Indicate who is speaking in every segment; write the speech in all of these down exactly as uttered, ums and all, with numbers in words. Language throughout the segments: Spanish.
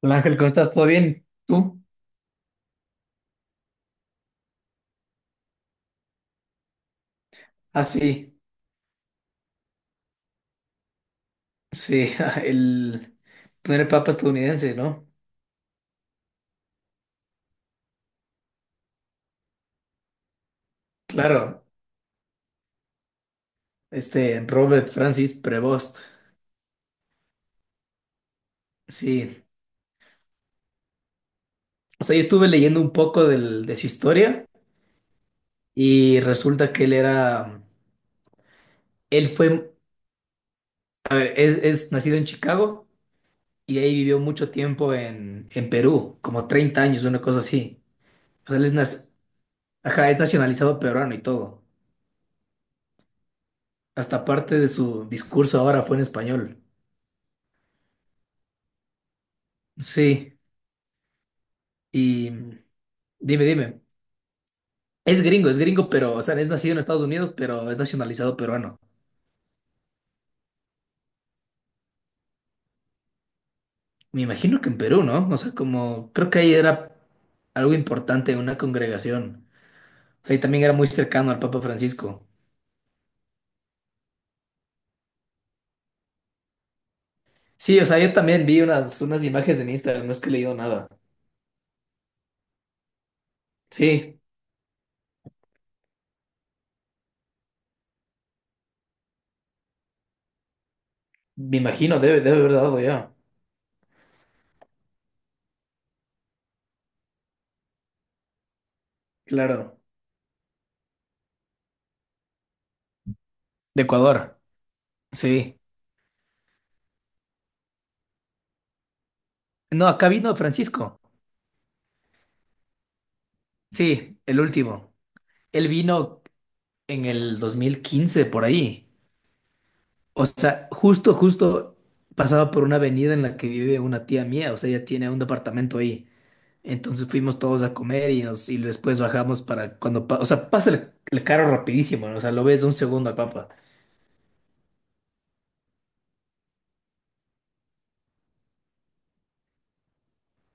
Speaker 1: Hola Ángel, ¿cómo estás? ¿Todo bien? ¿Tú? Ah, sí, sí, el primer papa estadounidense, ¿no? Claro, este Robert Francis Prevost, sí. O sea, yo estuve leyendo un poco del- de su historia y resulta que él era, él fue, a ver, es, es nacido en Chicago y de ahí vivió mucho tiempo en, en Perú, como treinta años, una cosa así. O sea, él es, nac- ajá, es nacionalizado peruano y todo. Hasta parte de su discurso ahora fue en español. Sí. Y mm, dime, dime. Es gringo, es gringo, pero, o sea, es nacido en Estados Unidos, pero es nacionalizado peruano. Me imagino que en Perú, ¿no? O sea, como creo que ahí era algo importante, una congregación. O sea, y también era muy cercano al Papa Francisco. Sí, o sea, yo también vi unas, unas imágenes en Instagram, no es que he leído nada. Sí, me imagino, debe, debe haber dado ya. Claro. De Ecuador. Sí. No, acá vino Francisco. Sí, el último. Él vino en el dos mil quince por ahí. O sea, justo, justo pasaba por una avenida en la que vive una tía mía, o sea, ella tiene un departamento ahí. Entonces fuimos todos a comer y, nos, y después bajamos para cuando, pa- o sea, pasa el, el carro rapidísimo, ¿no? O sea, lo ves un segundo al Papa.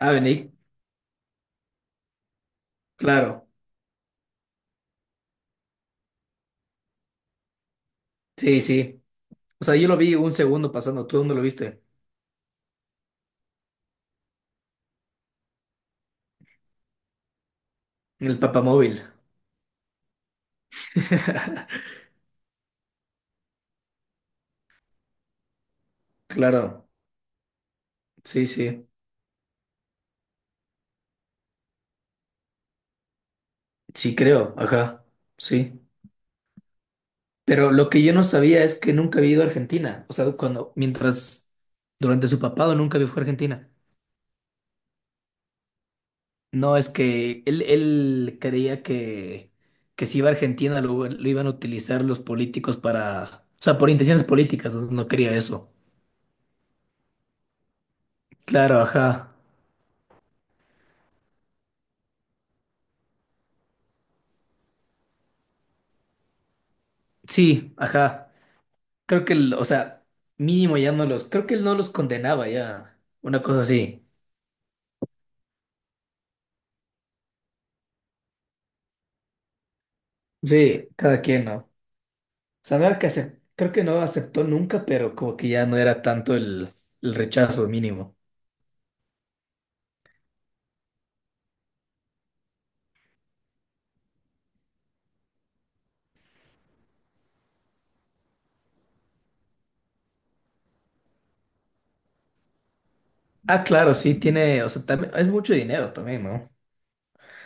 Speaker 1: Ah, vení, claro, sí, sí. O sea, yo lo vi un segundo pasando, ¿tú dónde lo viste? En el papamóvil. Claro, sí, sí, sí creo, ajá, sí. Pero lo que yo no sabía es que nunca había ido a Argentina. O sea, cuando, mientras, durante su papado nunca había viajó a Argentina. No, es que él, él creía que, que si iba a Argentina lo, lo iban a utilizar los políticos para, o sea, por intenciones políticas, o sea, no quería eso. Claro, ajá. Sí, ajá. Creo que, el- o sea, mínimo ya no los, creo que él no los condenaba ya. Una cosa así. Sí, cada quien, ¿no? Sea, no era que acep- creo que no aceptó nunca, pero como que ya no era tanto el, el rechazo mínimo. Ah, claro, sí, tiene, o sea, también, es mucho dinero también, ¿no? O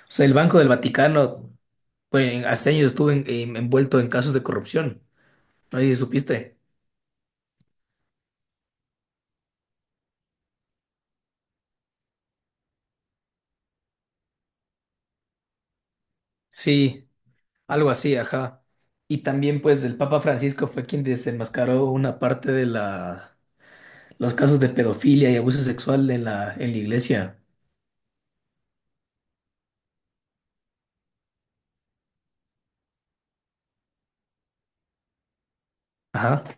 Speaker 1: sea, el Banco del Vaticano, pues, en- hace años estuvo en- en- envuelto en casos de corrupción, ¿no? ¿Y supiste? Sí, algo así, ajá. Y también, pues, el Papa Francisco fue quien desenmascaró una parte de la, los casos de pedofilia y abuso sexual en la, en la iglesia. Ajá.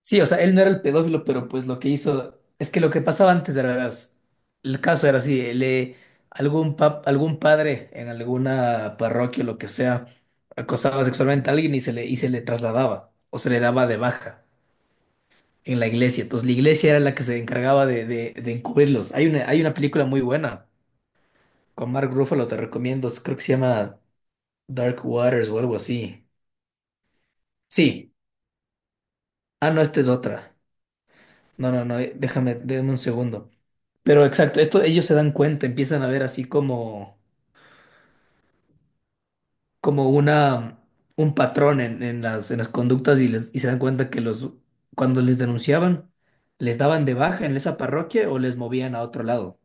Speaker 1: Sí, o sea, él no era el pedófilo, pero pues lo que hizo es que lo que pasaba antes era, el caso era así, él, eh, algún pap- algún padre en alguna parroquia o lo que sea acosaba sexualmente a alguien y se le, y se le trasladaba o se le daba de baja en la iglesia. Entonces la iglesia era la que se encargaba de, de, de encubrirlos. Hay una, hay una película muy buena con Mark Ruffalo, te recomiendo, creo que se llama Dark Waters o algo así. Sí, ah, no, esta es otra. No, no, no, eh, déjame, déjame un segundo. Pero exacto, esto ellos se dan cuenta, empiezan a ver así como, como una, un patrón en, en las, en las conductas y, les, y se dan cuenta que los, cuando les denunciaban, les daban de baja en esa parroquia o les movían a otro lado.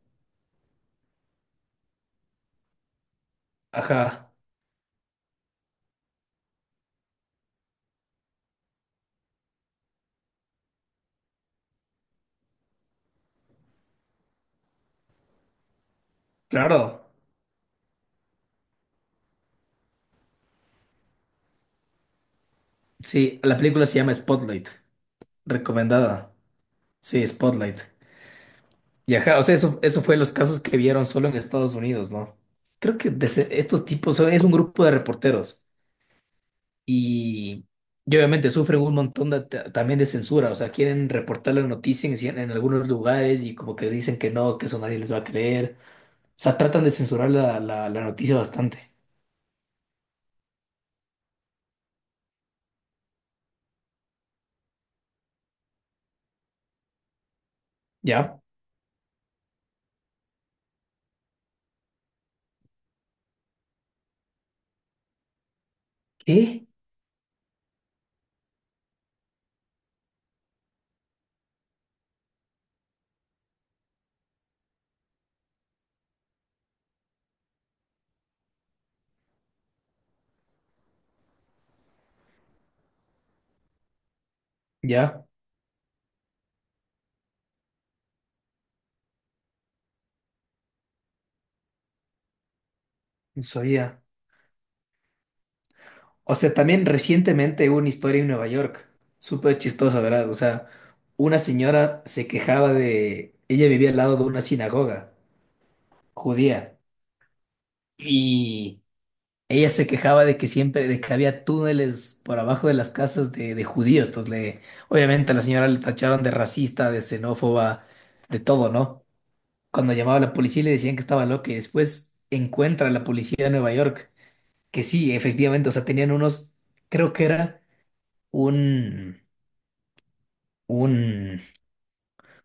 Speaker 1: Ajá, claro. Sí, la película se llama Spotlight, recomendada. Sí, Spotlight. Y ajá, o sea, eso, eso fue los casos que vieron solo en Estados Unidos, ¿no? Creo que de ese- estos tipos son, es un grupo de reporteros. Y, y obviamente sufren un montón de- ta- también de censura, o sea, quieren reportar la noticia en, cien- en algunos lugares y como que dicen que no, que eso nadie les va a creer. O sea, tratan de censurar la, la, la noticia bastante. ¿Ya? ¿Qué? Ya, no sabía. O sea, también recientemente hubo una historia en Nueva York, súper chistosa, ¿verdad? O sea, una señora se quejaba de... Ella vivía al lado de una sinagoga judía y... Ella se quejaba de que siempre, de que había túneles por abajo de las casas de, de judíos. Entonces le, obviamente a la señora le tacharon de racista, de xenófoba, de todo, ¿no? Cuando llamaba a la policía le decían que estaba loca y después encuentra a la policía de Nueva York, que sí, efectivamente, o sea, tenían unos, creo que era un, un,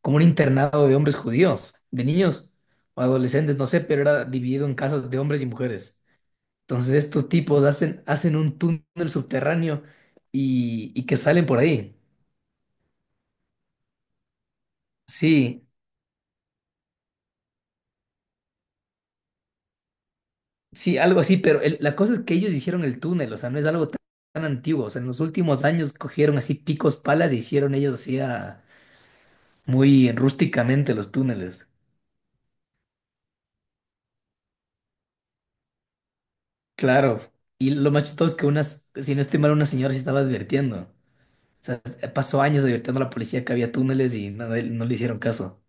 Speaker 1: como un internado de hombres judíos, de niños o adolescentes, no sé, pero era dividido en casas de hombres y mujeres. Entonces estos tipos hacen, hacen un túnel subterráneo y, y que salen por ahí. Sí, sí, algo así, pero el- la cosa es que ellos hicieron el túnel, o sea, no es algo tan, tan antiguo. O sea, en los últimos años cogieron así picos, palas y hicieron ellos así a- muy rústicamente los túneles. Claro, y lo más chistoso es que unas, si no estoy mal, una señora se estaba advirtiendo. O sea, pasó años advirtiendo a la policía que había túneles y no, no le hicieron caso.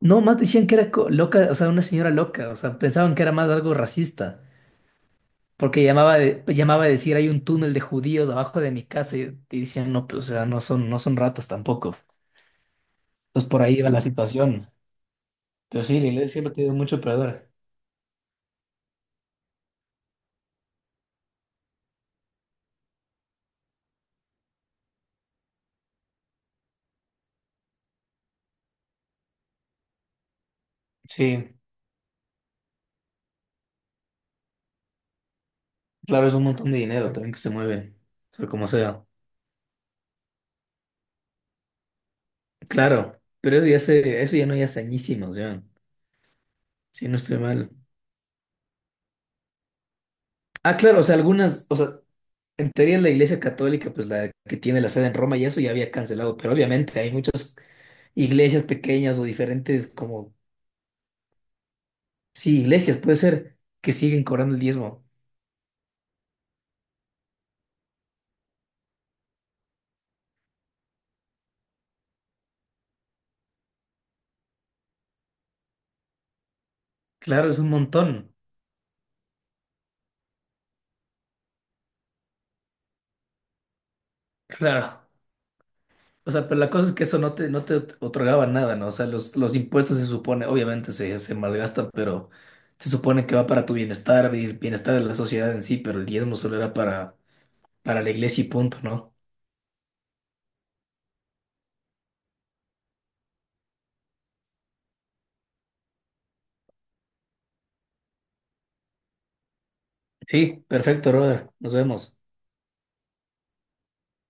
Speaker 1: No, más decían que era co- loca, o sea, una señora loca, o sea, pensaban que era más algo racista, porque llamaba, de- llamaba a decir hay un túnel de judíos abajo de mi casa y, y decían, no, pues, o sea, no son, no son ratas tampoco. Entonces por ahí iba la situación. Pero sí, la iglesia siempre ha tenido mucho perdón. Sí, claro, es un montón de dinero también que se mueve, o sea, como sea. Claro, pero eso ya, se, eso ya no hay hace añísimos, ya, si no estoy mal. Ah, claro, o sea, algunas, o sea, en teoría la Iglesia Católica, pues la que tiene la sede en Roma y eso ya había cancelado, pero obviamente hay muchas iglesias pequeñas o diferentes, como, sí, iglesias, puede ser, que siguen cobrando el diezmo. Claro, es un montón. Claro. O sea, pero la cosa es que eso no te, no te otorgaba nada, ¿no? O sea, los, los impuestos se supone, obviamente se, se malgastan, pero se supone que va para tu bienestar, el bienestar de la sociedad en sí, pero el diezmo solo era para, para la iglesia y punto, ¿no? Sí, perfecto, brother. Nos vemos.